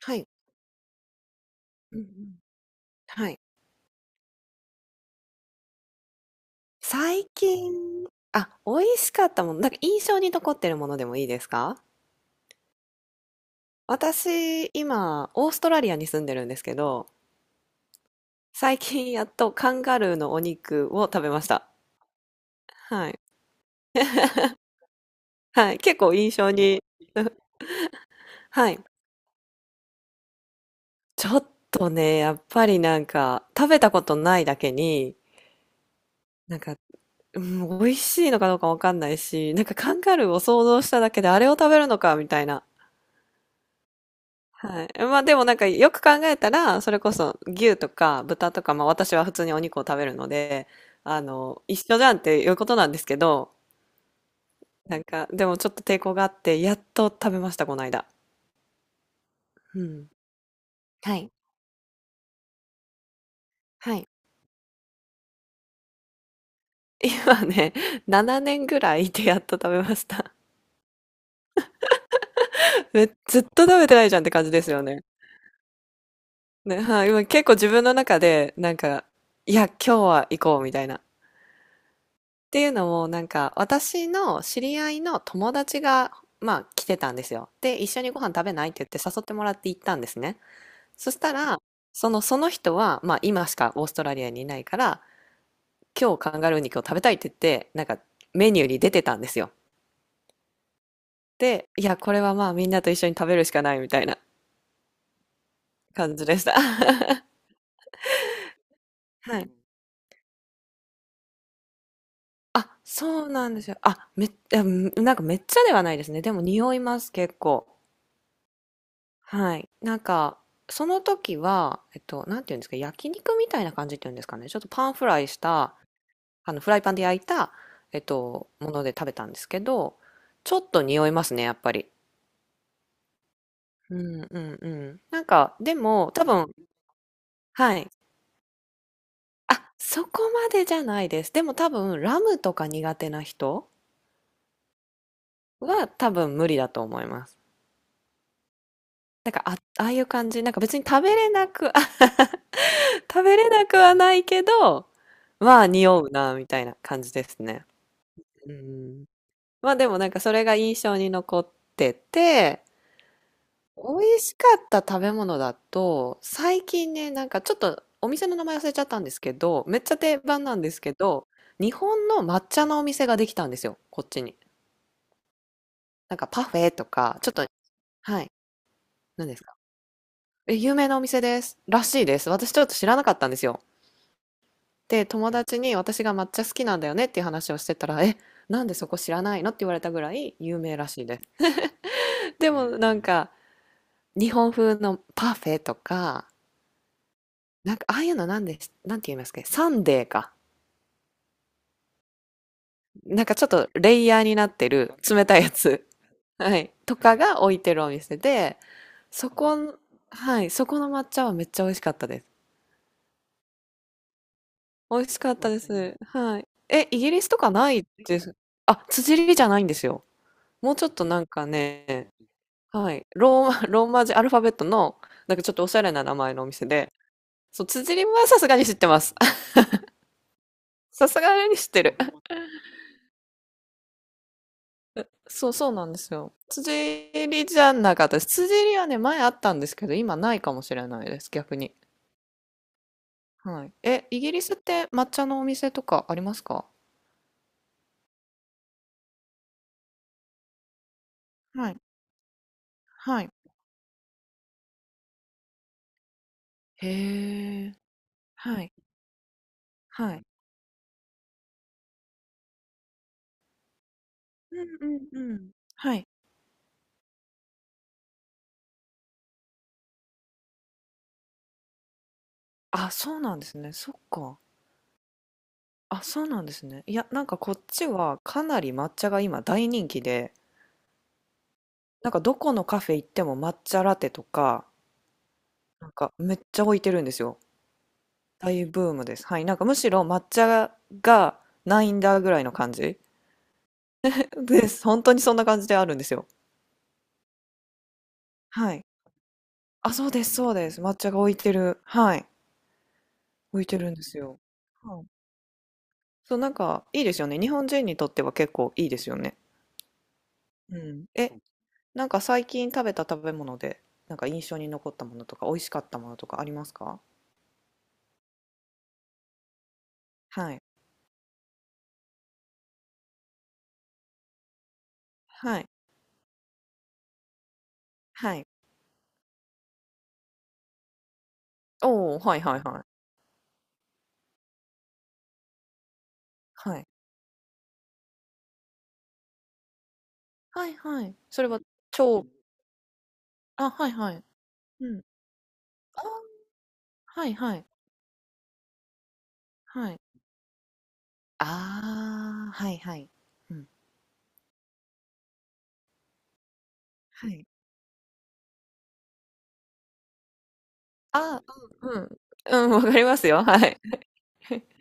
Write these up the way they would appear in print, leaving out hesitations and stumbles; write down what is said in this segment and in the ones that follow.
はい。うんうん。はい。最近あ、美味しかったもの、なんか印象に残ってるものでもいいですか？私、今オーストラリアに住んでるんですけど、最近やっとカンガルーのお肉を食べました。はい。はい、結構印象に。はい。ちょっとね、やっぱりなんか、食べたことないだけに、なんか、うん、美味しいのかどうかわかんないし、なんかカンガルーを想像しただけであれを食べるのかみたいな。はい。まあでもなんかよく考えたら、それこそ牛とか豚とか、まあ私は普通にお肉を食べるので、あの、一緒じゃんっていうことなんですけど、なんか、でもちょっと抵抗があって、やっと食べました、この間。うん。はい。はい。今ね、7年ぐらいいてやっと食べました。え、ずっと食べてないじゃんって感じですよね。ね、はい。今結構自分の中で、なんか、いや、今日は行こうみたいな。っていうのも、なんか、私の知り合いの友達が、まあ、来てたんですよ。で、一緒にご飯食べないって言って誘ってもらって行ったんですね。そしたら、その人は、まあ、今しかオーストラリアにいないから、今日カンガルー肉を食べたいって言って、なんか、メニューに出てたんですよ。で、いや、これはまあ、みんなと一緒に食べるしかないみたいな感じでした。はい。あ、そうなんですよ。あ、めっ、うんなんかめっちゃではないですね。でも匂います、結構。はい。なんか、その時は、なんていうんですか、焼肉みたいな感じっていうんですかね。ちょっとパンフライした、あの、フライパンで焼いた、もので食べたんですけど、ちょっと匂いますね、やっぱり。うんうんうん。なんか、でも、多分、はい。あ、そこまでじゃないです。でも多分、ラムとか苦手な人は多分無理だと思います。なんか、あ、ああいう感じ、なんか別に食べれなく、食べれなくはないけど、まあ匂うなみたいな感じですね。うん。まあでもなんかそれが印象に残ってて、美味しかった食べ物だと、最近ね、なんかちょっとお店の名前忘れちゃったんですけど、めっちゃ定番なんですけど、日本の抹茶のお店ができたんですよ、こっちに。なんかパフェとか、ちょっと、はい、何ですか。え、有名なお店です。らしいです。私ちょっと知らなかったんですよ。で、友達に私が抹茶好きなんだよねっていう話をしてたら、え、なんでそこ知らないのって言われたぐらい有名らしいです。でもなんか、日本風のパフェとか、なんかああいうのなんで、なんて言いますか、サンデーか。なんかちょっとレイヤーになってる冷たいやつ、はい、とかが置いてるお店で、そこ、はい、そこの抹茶はめっちゃ美味しかったです。美味しかったです。はい。え、イギリスとかないです。あ、辻利じゃないんですよ。もうちょっとなんかね、はい。ローマ、ローマ字アルファベットの、なんかちょっとおしゃれな名前のお店で、そう、辻りはさすがに知ってます。さすがに知ってる。そう、そうなんですよ。辻りじゃなかったです。辻りはね、前あったんですけど、今ないかもしれないです、逆に。はい。え、イギリスって抹茶のお店とかありますか？はい。はい。へえ。はい。はい。うんうんうん。はい。あ、そうなんですね。そっか。あ、そうなんですね。いや、なんかこっちはかなり抹茶が今大人気で、なんかどこのカフェ行っても抹茶ラテとか、なんかめっちゃ置いてるんですよ。大ブームです。はい。なんかむしろ抹茶がないんだぐらいの感じです。本当にそんな感じであるんですよ。はい。あ、そうです、そうです。抹茶が置いてる。はい。置いてるんですよ。はい。そう、なんかいいですよね。日本人にとっては結構いいですよね。うん。え、なんか最近食べた食べ物で、なんか印象に残ったものとか、美味しかったものとかありますか？はい。はい。はい。おお、はいはいはい。はい。はいはい。それは超。あ、はいはい。うん。あ、はいはい。はい。ああ、はいはい。うん。はい。ああ、うんうん。うん、わかりますよ。はい。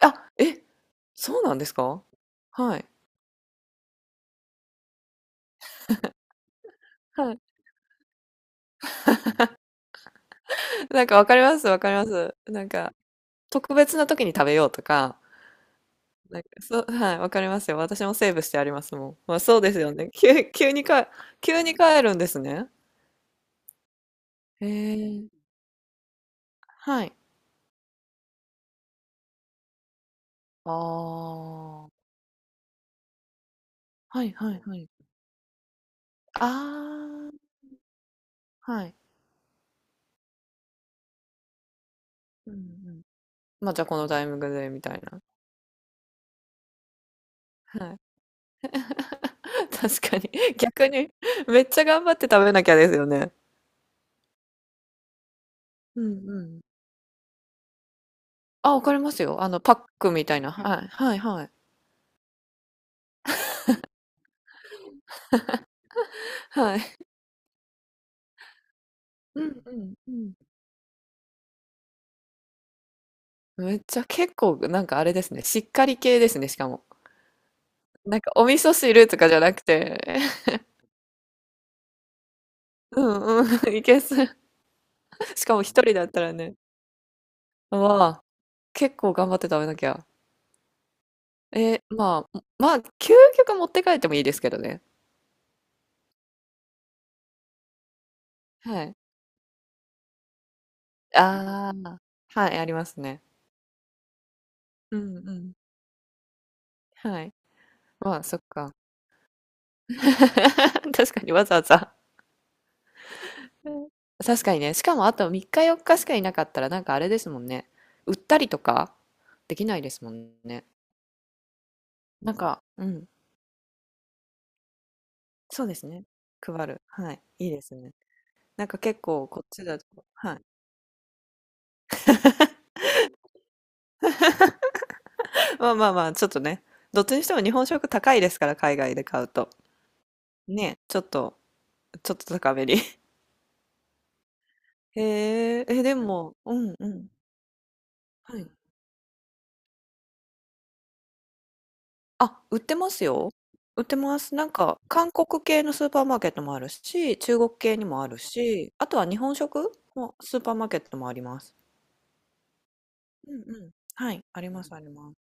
あ、え、そうなんですか？はい。はい。なんかわかります、わかります。なんか、特別な時に食べようとか、なんか、そう、はい、わかりますよ。私もセーブしてありますもん。まあそうですよね。急にか、急に帰るんですね。へえ。はい。ああ。はいはいはい。ああ、はい。うんうん。まあじゃあこのタイミングでみたいな。はい。確かに。逆に、めっちゃ頑張って食べなきゃですよね。うんうん。あ、わかりますよ。あの、パックみたいな。はい。はいはい。はい。うんうんうん。めっちゃ結構なんかあれですね。しっかり系ですね、しかも。なんかお味噌汁とかじゃなくて。うんうん。いけそ。しかも一人だったらね。わあ、結構頑張って食べなきゃ。えー、まあ、まあ、究極持って帰ってもいいですけどね。はい。ああ、はい、ありますね。うんうん。はい。まあ、そっか。確かにわざわざ。うん。確かにね、しかもあと3日4日しかいなかったらなんかあれですもんね。売ったりとかできないですもんね。なんか、うん、そうですね。配る。はい、いいですね。なんか結構こっちだと、はい。まあまあまあ、ちょっとね、どっちにしても日本食高いですから、海外で買うと。ね、ちょっと高めに。へえ、え、でも、うんうん。はい。あ、売ってますよ。売ってます。なんか、韓国系のスーパーマーケットもあるし、中国系にもあるし、あとは日本食のスーパーマーケットもあります。うんうん。はい、あります、あります。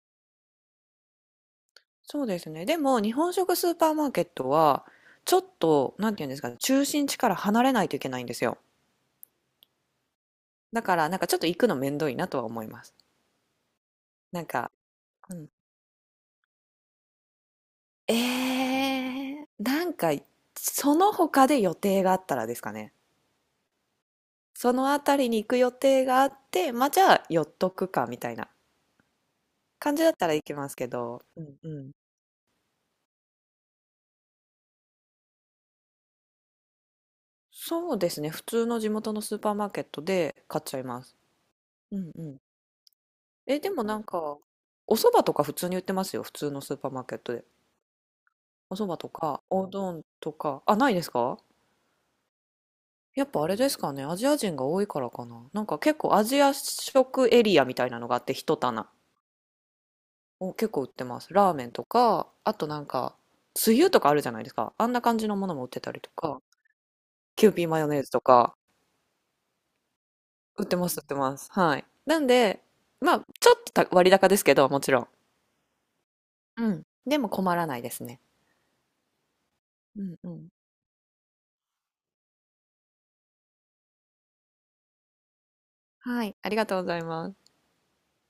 そうですね。でも、日本食スーパーマーケットは、ちょっと、なんていうんですかね、中心地から離れないといけないんですよ。だから、なんかちょっと行くのめんどいなとは思います。なんか、ええ、なんか、その他で予定があったらですかね。その辺りに行く予定があって、まあ、じゃあ寄っとくかみたいな感じだったら行きますけど、うんうん。そうですね、普通の地元のスーパーマーケットで買っちゃいます。うんうん。え、でもなんか、お蕎麦とか普通に売ってますよ、普通のスーパーマーケットで。お蕎麦とか、おうどんとか、あ、ないですか？やっぱあれですかね、アジア人が多いからかな。なんか結構アジア食エリアみたいなのがあって、一棚。お、結構売ってます。ラーメンとか、あとなんか、つゆとかあるじゃないですか。あんな感じのものも売ってたりとか、キューピーマヨネーズとか、売ってます、売ってます。はい。なんで、まあ、ちょっとた割高ですけど、もちろん。うん。でも困らないですね。うんうん。はい。ありがとうございます。